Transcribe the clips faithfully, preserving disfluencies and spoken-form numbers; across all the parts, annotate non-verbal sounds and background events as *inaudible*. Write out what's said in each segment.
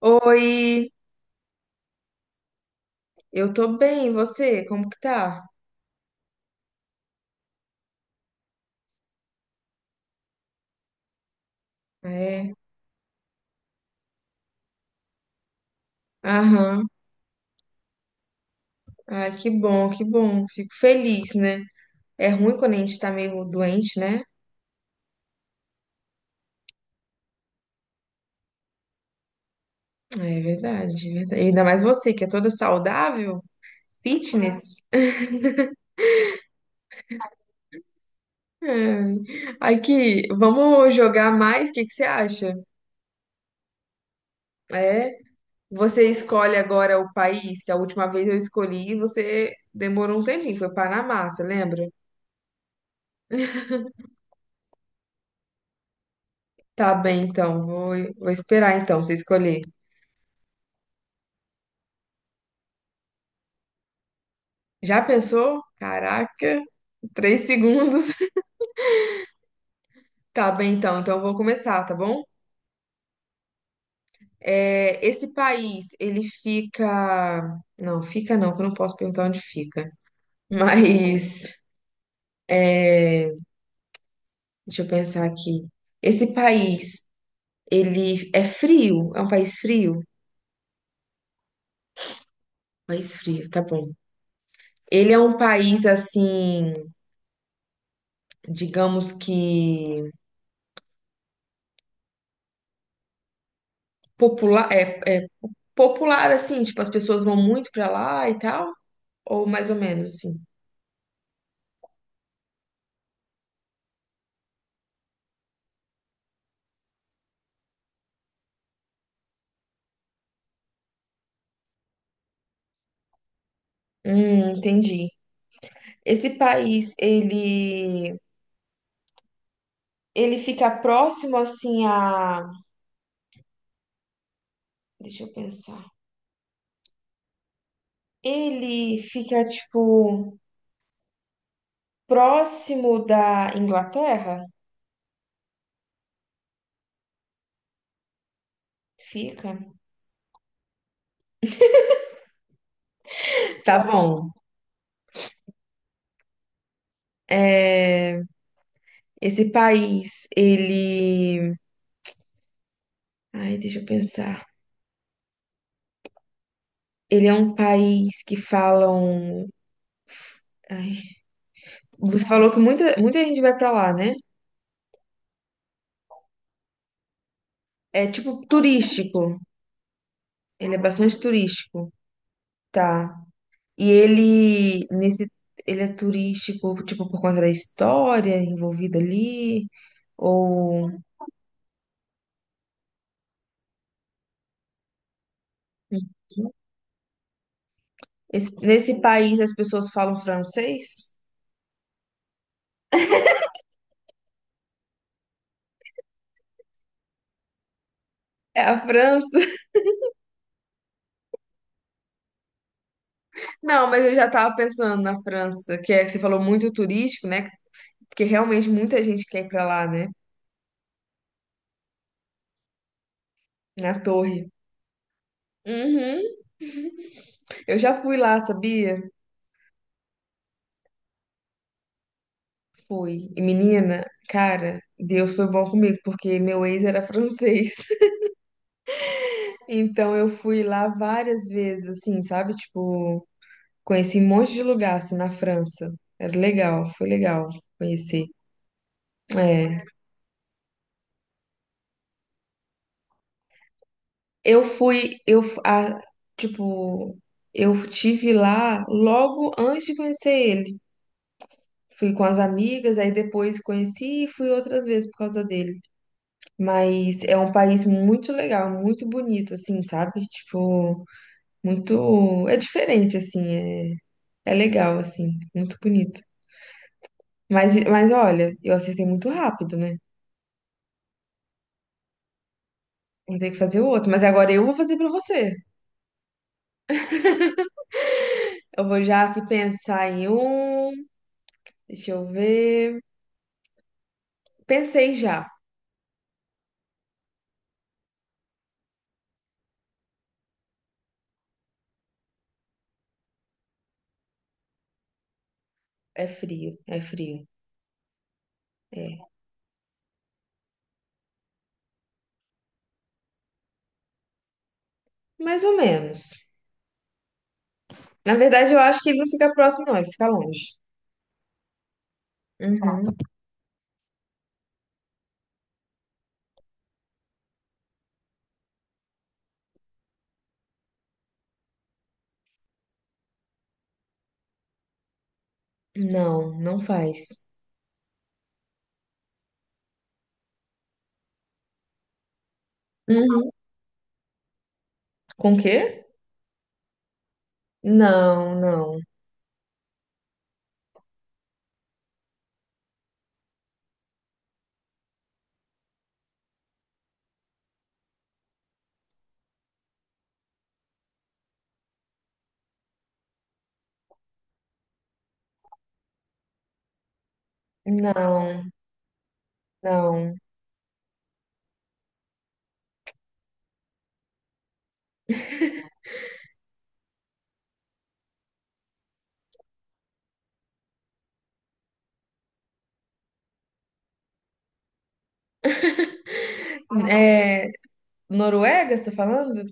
Oi, eu tô bem, e você? Como que tá? Ah, É, aham. Ai, que bom, que bom. Fico feliz, né? É ruim quando a gente tá meio doente, né? É verdade, é verdade. E ainda mais você, que é toda saudável, fitness. *laughs* Ai, aqui, vamos jogar mais? O que que você acha? É, você escolhe agora o país, que a última vez eu escolhi e você demorou um tempinho, foi Panamá, você lembra? Tá bem, então, vou, vou esperar então você escolher. Já pensou? Caraca, três segundos. *laughs* Tá bem, então. Então eu vou começar, tá bom? É, esse país, ele fica. Não, fica não, que eu não posso perguntar onde fica. *laughs* Mas, deixa eu pensar aqui. Esse país, ele é frio? É um país frio? País frio, tá bom. Ele é um país, assim, digamos que popular, é, é popular, assim, tipo, as pessoas vão muito pra lá e tal? Ou mais ou menos, assim? Hum, entendi. Esse país, ele, ele fica próximo assim a, deixa eu pensar. Ele fica tipo próximo da Inglaterra? Fica. Tá bom. É, esse país, ele, ai, deixa eu pensar. Ele é um país que falam, ai, você falou que muita muita gente vai pra lá, né? É tipo turístico. Ele é bastante turístico. Tá. E ele, nesse, ele é turístico, tipo, por conta da história envolvida ali, ou... Esse- nesse país as pessoas falam francês? É a França? *laughs* Não, mas eu já tava pensando na França, que é, você falou muito turístico, né? Porque realmente muita gente quer ir pra lá, né? Na torre. Uhum. Eu já fui lá, sabia? Fui. E menina, cara, Deus foi bom comigo, porque meu ex era francês. Então eu fui lá várias vezes, assim, sabe? Tipo, conheci um monte de lugar, assim, na França. Era legal, foi legal conhecer. É. Eu fui, eu, f- a, tipo, Eu tive lá logo antes de conhecer ele. Fui com as amigas, aí depois conheci e fui outras vezes por causa dele. Mas é um país muito legal, muito bonito, assim, sabe? Tipo, muito. É diferente, assim, é, é legal, assim, muito bonito. Mas, mas olha, eu acertei muito rápido, né? Vou ter que fazer o outro. Mas agora eu vou fazer pra você. Eu vou já aqui pensar em um. Deixa eu ver. Pensei já. É frio, é frio. É. Mais ou menos. Na verdade, eu acho que ele não fica próximo, não. Ele fica longe. Uhum. Não, não faz. Uhum. Com o quê? Não, não. Não, não. É. Noruega, você tá falando?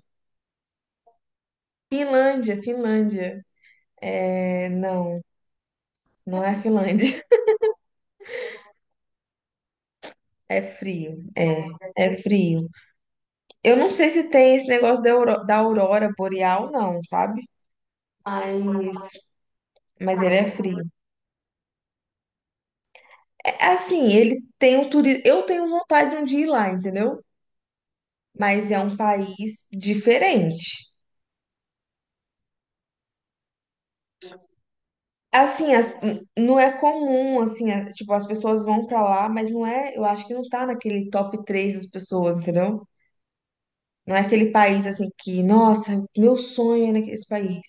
Finlândia, Finlândia. É. Não, não é a Finlândia. É frio, é, é frio. Eu não sei se tem esse negócio da auro- da aurora boreal, não, sabe? Mas, mas ele é frio. É assim, ele tem o turismo. Eu tenho vontade de um dia ir lá, entendeu? Mas é um país diferente. Assim, as- n- não é comum, assim, é- tipo, as pessoas vão pra lá, mas não é. Eu acho que não tá naquele top três das pessoas, entendeu? Não é aquele país assim que, nossa, meu sonho é nesse país.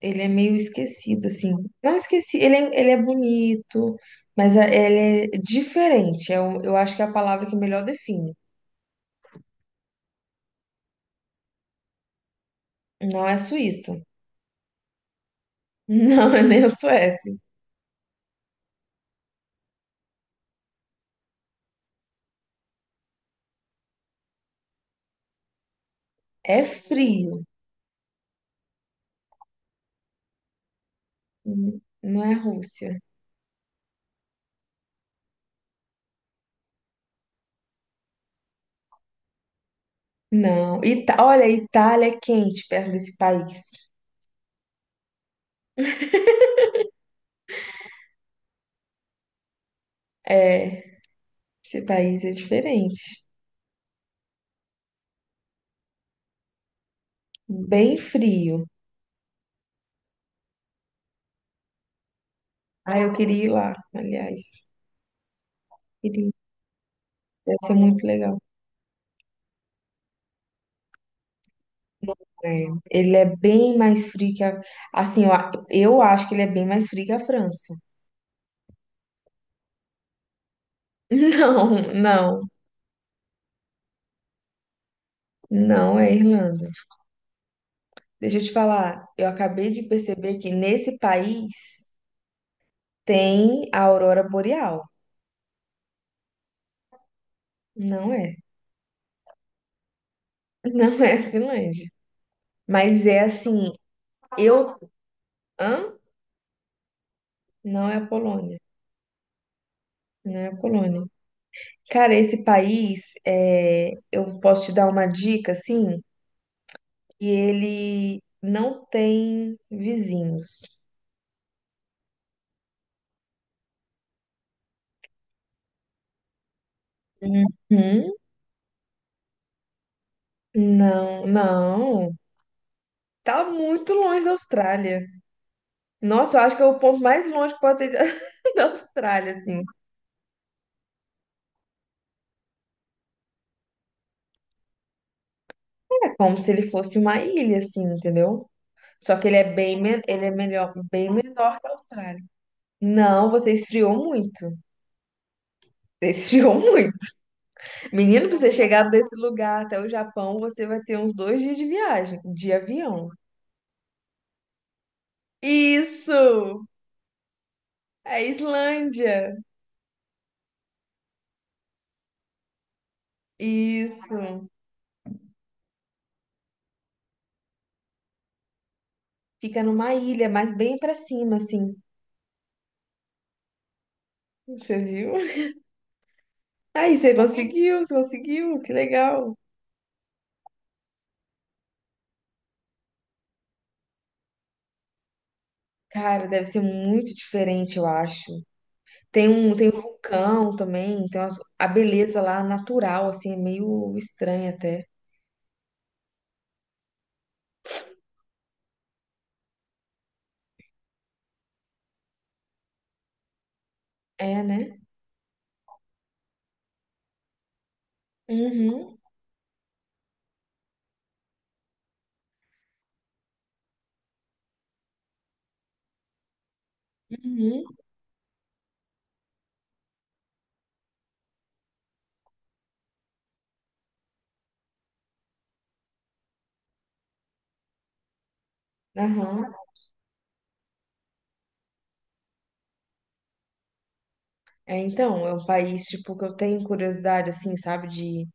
Ele é meio esquecido, assim. Não esqueci, ele é, ele é bonito, mas a- ele é diferente. Eu, eu acho que é a palavra que melhor define. Não é Suíça. Não *laughs* é nem a Suécia. É frio. N- Não é Rússia. Não. Ita Olha, a Itália é quente perto desse país. É, esse país é diferente. Bem frio. Ah, eu queria ir lá, aliás. Queria. Deve ser muito legal. É, ele é bem mais frio que a. Assim, eu, a- eu acho que ele é bem mais frio que a França. *laughs* Não, não, não é Irlanda. Deixa eu te falar, eu acabei de perceber que nesse país tem a aurora boreal. Não é, *laughs* não é a Finlândia. Mas é assim, eu. Hã? Não é a Polônia. Não é a Polônia. Cara, esse país, é, eu posso te dar uma dica, assim, que ele não tem vizinhos. Uhum. Não, não. Tá muito longe da Austrália. Nossa, eu acho que é o ponto mais longe que pode ter *laughs* da Austrália, assim. É como se ele fosse uma ilha, assim, entendeu? Só que ele é bem, men- ele é melhor, bem menor que a Austrália. Não, você esfriou muito. Você esfriou *laughs* muito. Menino, pra você chegar desse lugar até o Japão, você vai ter uns dois dias de viagem, de avião. Isso! É a Islândia. Isso. Fica numa ilha, mas bem pra cima, assim. Você viu? Aí você conseguiu, você conseguiu, que legal. Cara, deve ser muito diferente, eu acho. Tem um, tem um vulcão também, tem umas- a beleza lá natural, assim, é meio estranha até. É, né? Uhum, uhum, aham. É, então, é um país, tipo, que eu tenho curiosidade, assim, sabe, de...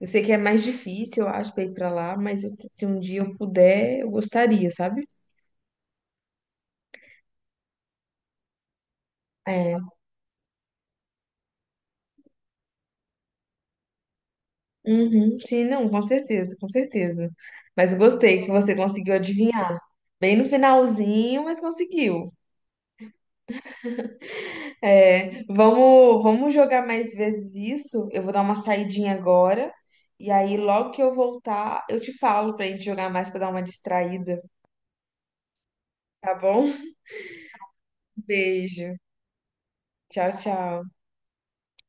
Eu sei que é mais difícil, eu acho, pra ir pra lá, mas eu- se um dia eu puder, eu gostaria, sabe? É. Uhum. Sim, não, com certeza, com certeza. Mas gostei que você conseguiu adivinhar. Bem no finalzinho, mas conseguiu. É, vamos, vamos jogar mais vezes isso. Eu vou dar uma saidinha agora. E aí, logo que eu voltar, eu te falo pra gente jogar mais pra dar uma distraída, tá bom? *laughs* Beijo. Tchau, tchau.